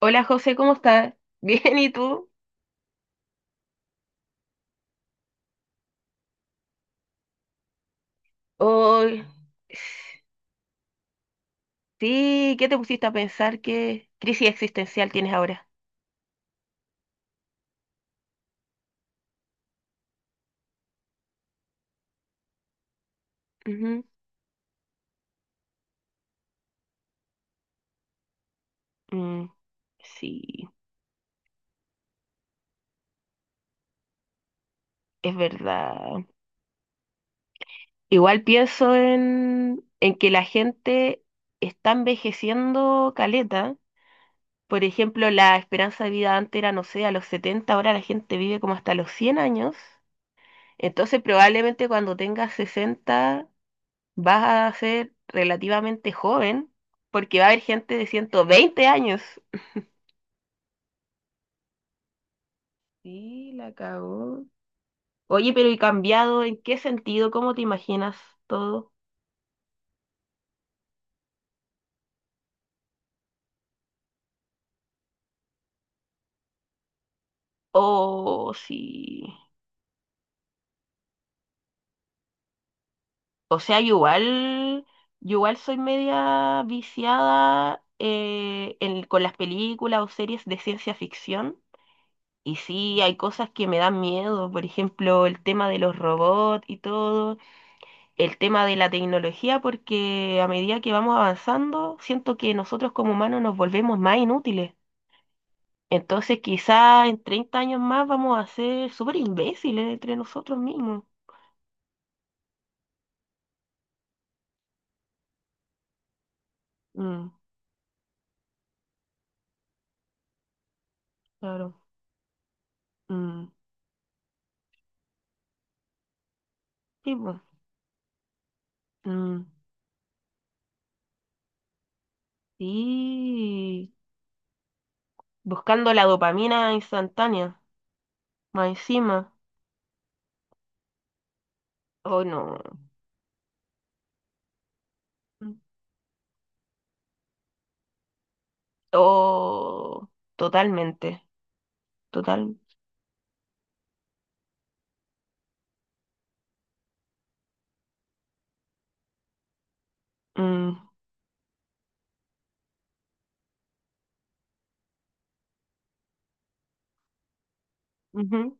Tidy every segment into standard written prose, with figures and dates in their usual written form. Hola José, ¿cómo estás? Bien, ¿y tú? Hoy, sí, ¿qué te pusiste a pensar? ¿Qué crisis existencial tienes ahora? Ujú. Mm, sí, es verdad. Igual pienso en que la gente está envejeciendo caleta. Por ejemplo, la esperanza de vida antes era, no sé, a los 70, ahora la gente vive como hasta los 100 años. Entonces, probablemente cuando tengas 60 vas a ser relativamente joven porque va a haber gente de 120 años. Sí, la cagó. Oye, pero ¿y cambiado en qué sentido? ¿Cómo te imaginas todo? O sí. O sea, yo igual soy media viciada con las películas o series de ciencia ficción. Y sí, hay cosas que me dan miedo, por ejemplo, el tema de los robots y todo, el tema de la tecnología, porque a medida que vamos avanzando, siento que nosotros como humanos nos volvemos más inútiles. Entonces quizá en 30 años más vamos a ser súper imbéciles entre nosotros mismos. Mm, claro. Mm, sí, pues. Mm, sí. Buscando la dopamina instantánea, más encima. Oh, no. Mm. Oh, totalmente. Total. Mm, ujú.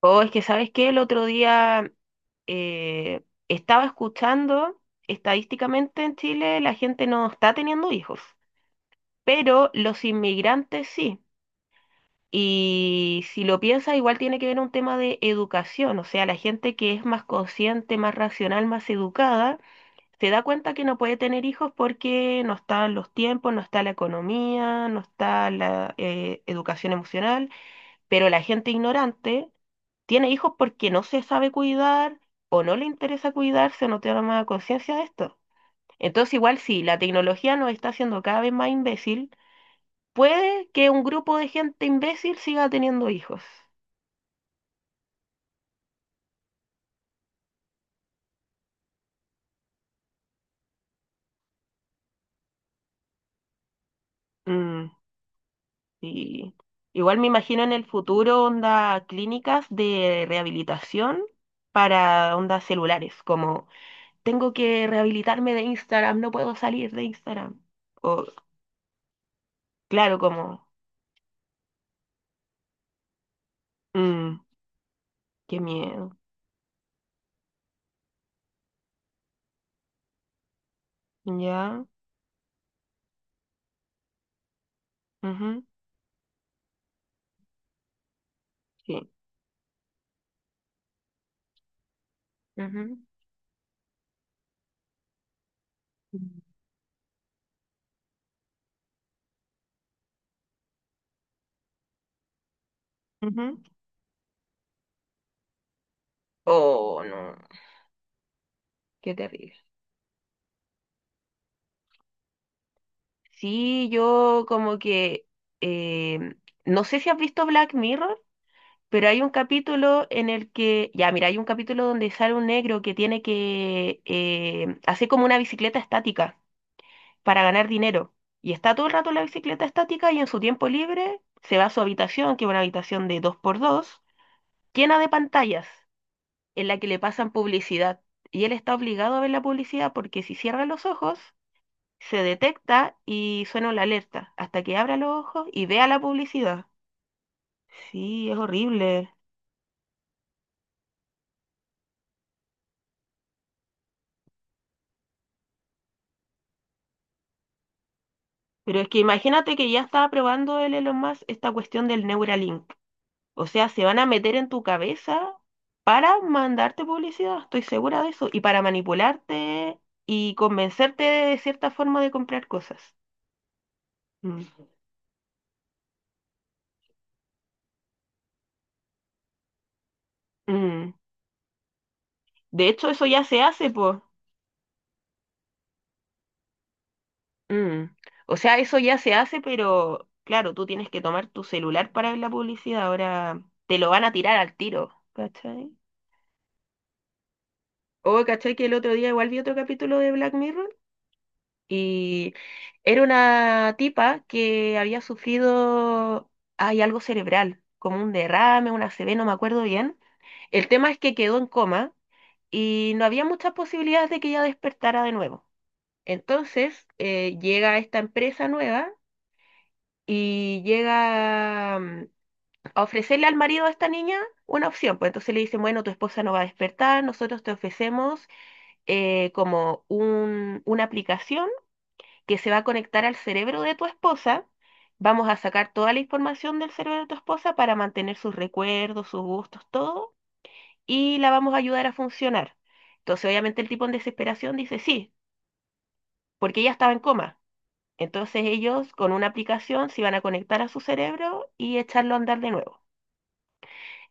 Oh, es que, ¿sabes qué? El otro día estaba escuchando, estadísticamente en Chile la gente no está teniendo hijos, pero los inmigrantes sí. Y si lo piensas, igual tiene que ver un tema de educación, o sea, la gente que es más consciente, más racional, más educada, se da cuenta que no puede tener hijos porque no están los tiempos, no está la economía, no está la educación emocional, pero la gente ignorante tiene hijos porque no se sabe cuidar o no le interesa cuidarse, no toma conciencia de esto. Entonces, igual si la tecnología nos está haciendo cada vez más imbécil, puede que un grupo de gente imbécil siga teniendo hijos. Mm, y igual me imagino en el futuro onda clínicas de rehabilitación para ondas celulares, como, tengo que rehabilitarme de Instagram, no puedo salir de Instagram. O claro, como, mm, qué miedo. Ya. Ujú. Sí. Ujú. Ujú. Oh, no, qué terrible. Sí, yo como que, eh, no sé si has visto Black Mirror, pero hay un capítulo ya, mira, hay un capítulo donde sale un negro que tiene que hacer como una bicicleta estática para ganar dinero. Y está todo el rato en la bicicleta estática y en su tiempo libre se va a su habitación, que es una habitación de dos por dos llena de pantallas en la que le pasan publicidad. Y él está obligado a ver la publicidad porque si cierra los ojos, se detecta y suena la alerta hasta que abra los ojos y vea la publicidad. Sí, es horrible. Pero es que imagínate que ya estaba probando el Elon Musk esta cuestión del Neuralink. O sea, se van a meter en tu cabeza para mandarte publicidad, estoy segura de eso, y para manipularte y convencerte de cierta forma de comprar cosas. Mm. Mm. De hecho, eso ya se hace, pues. Mm. O sea, eso ya se hace, pero claro, tú tienes que tomar tu celular para ver la publicidad. Ahora te lo van a tirar al tiro, ¿cachai? O, ¿cachai? Que el otro día igual vi otro capítulo de Black Mirror y era una tipa que había sufrido, hay algo cerebral, como un derrame, una ACV, no me acuerdo bien. El tema es que quedó en coma y no había muchas posibilidades de que ella despertara de nuevo. Entonces, llega esta empresa nueva y llega a ofrecerle al marido de esta niña una opción. Pues entonces le dicen, bueno, tu esposa no va a despertar, nosotros te ofrecemos una aplicación que se va a conectar al cerebro de tu esposa. Vamos a sacar toda la información del cerebro de tu esposa para mantener sus recuerdos, sus gustos, todo, y la vamos a ayudar a funcionar. Entonces, obviamente, el tipo en desesperación dice sí, porque ella estaba en coma. Entonces ellos con una aplicación se iban a conectar a su cerebro y echarlo a andar de nuevo.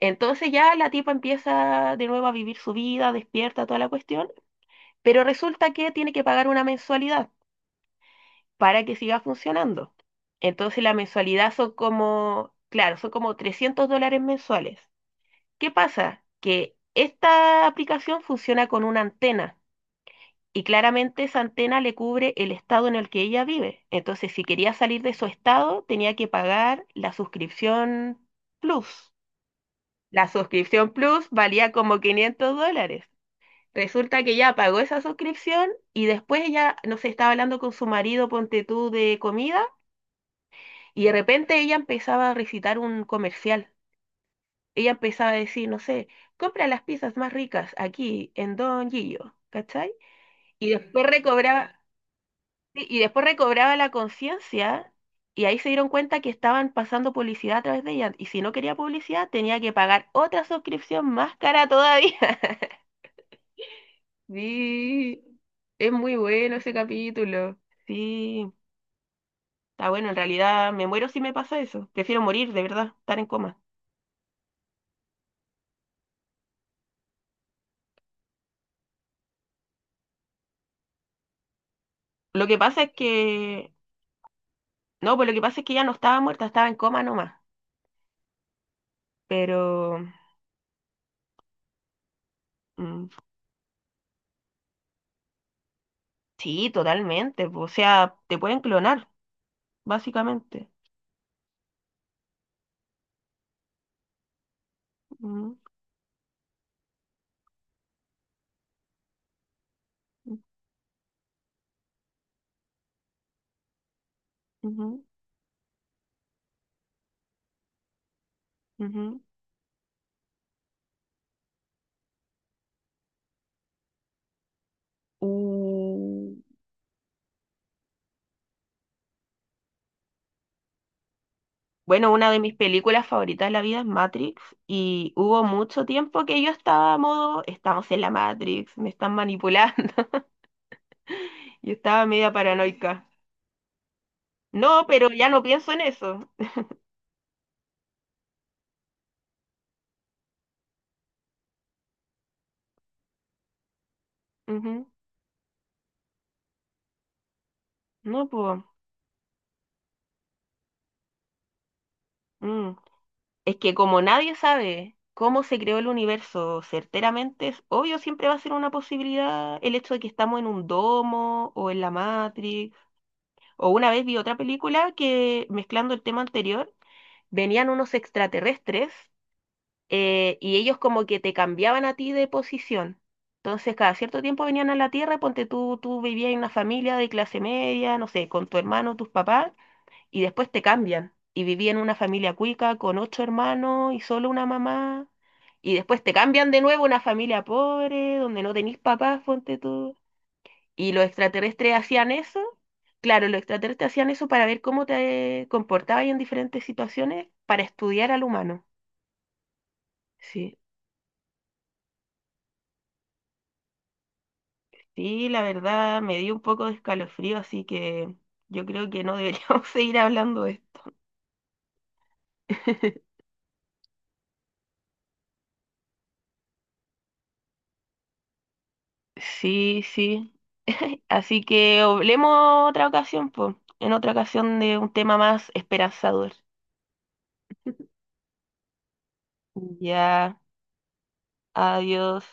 Entonces ya la tipa empieza de nuevo a vivir su vida, despierta toda la cuestión, pero resulta que tiene que pagar una mensualidad para que siga funcionando. Entonces la mensualidad son como, claro, son como $300 mensuales. ¿Qué pasa? Que esta aplicación funciona con una antena y claramente esa antena le cubre el estado en el que ella vive. Entonces si quería salir de su estado tenía que pagar la suscripción Plus. La suscripción Plus valía como $500. Resulta que ya pagó esa suscripción y después ella, no sé, estaba hablando con su marido, ponte tú, de comida y de repente ella empezaba a recitar un comercial. Ella empezaba a decir, no sé, compra las pizzas más ricas aquí en Don Gillo, ¿cachai? Y después recobraba, sí, y después recobraba la conciencia, y ahí se dieron cuenta que estaban pasando publicidad a través de ella y si no quería publicidad tenía que pagar otra suscripción más cara todavía. Sí, es muy bueno ese capítulo. Sí, está bueno, en realidad me muero si me pasa eso. Prefiero morir, de verdad, estar en coma. Lo que pasa es que, no, pues lo que pasa es que ya no estaba muerta, estaba en coma nomás. Pero, mm, sí, totalmente. O sea, te pueden clonar, básicamente. Ujú, ujú, ujú. Uh, Bueno, una de mis películas favoritas de la vida es Matrix y hubo mucho tiempo que yo estaba a modo, estamos en la Matrix, me están manipulando y estaba media paranoica. No, pero ya no pienso en eso. Ujú. No, pues. Es que como nadie sabe cómo se creó el universo certeramente, es obvio, siempre va a ser una posibilidad el hecho de que estamos en un domo o en la Matrix. O una vez vi otra película que mezclando el tema anterior, venían unos extraterrestres, y ellos como que te cambiaban a ti de posición. Entonces, cada cierto tiempo venían a la Tierra, y ponte tú, tú vivías en una familia de clase media, no sé, con tu hermano, tus papás, y después te cambian. Y vivía en una familia cuica con ocho hermanos y solo una mamá. Y después te cambian de nuevo a una familia pobre, donde no tenís papás, ponte tú. Y los extraterrestres hacían eso. Claro, los extraterrestres hacían eso para ver cómo te comportabas en diferentes situaciones, para estudiar al humano. Sí. Sí, la verdad me dio un poco de escalofrío, así que yo creo que no deberíamos seguir hablando de esto. Sí, sí. Así que hablemos otra ocasión, pues, en otra ocasión de un tema más esperanzador. Ya, adiós.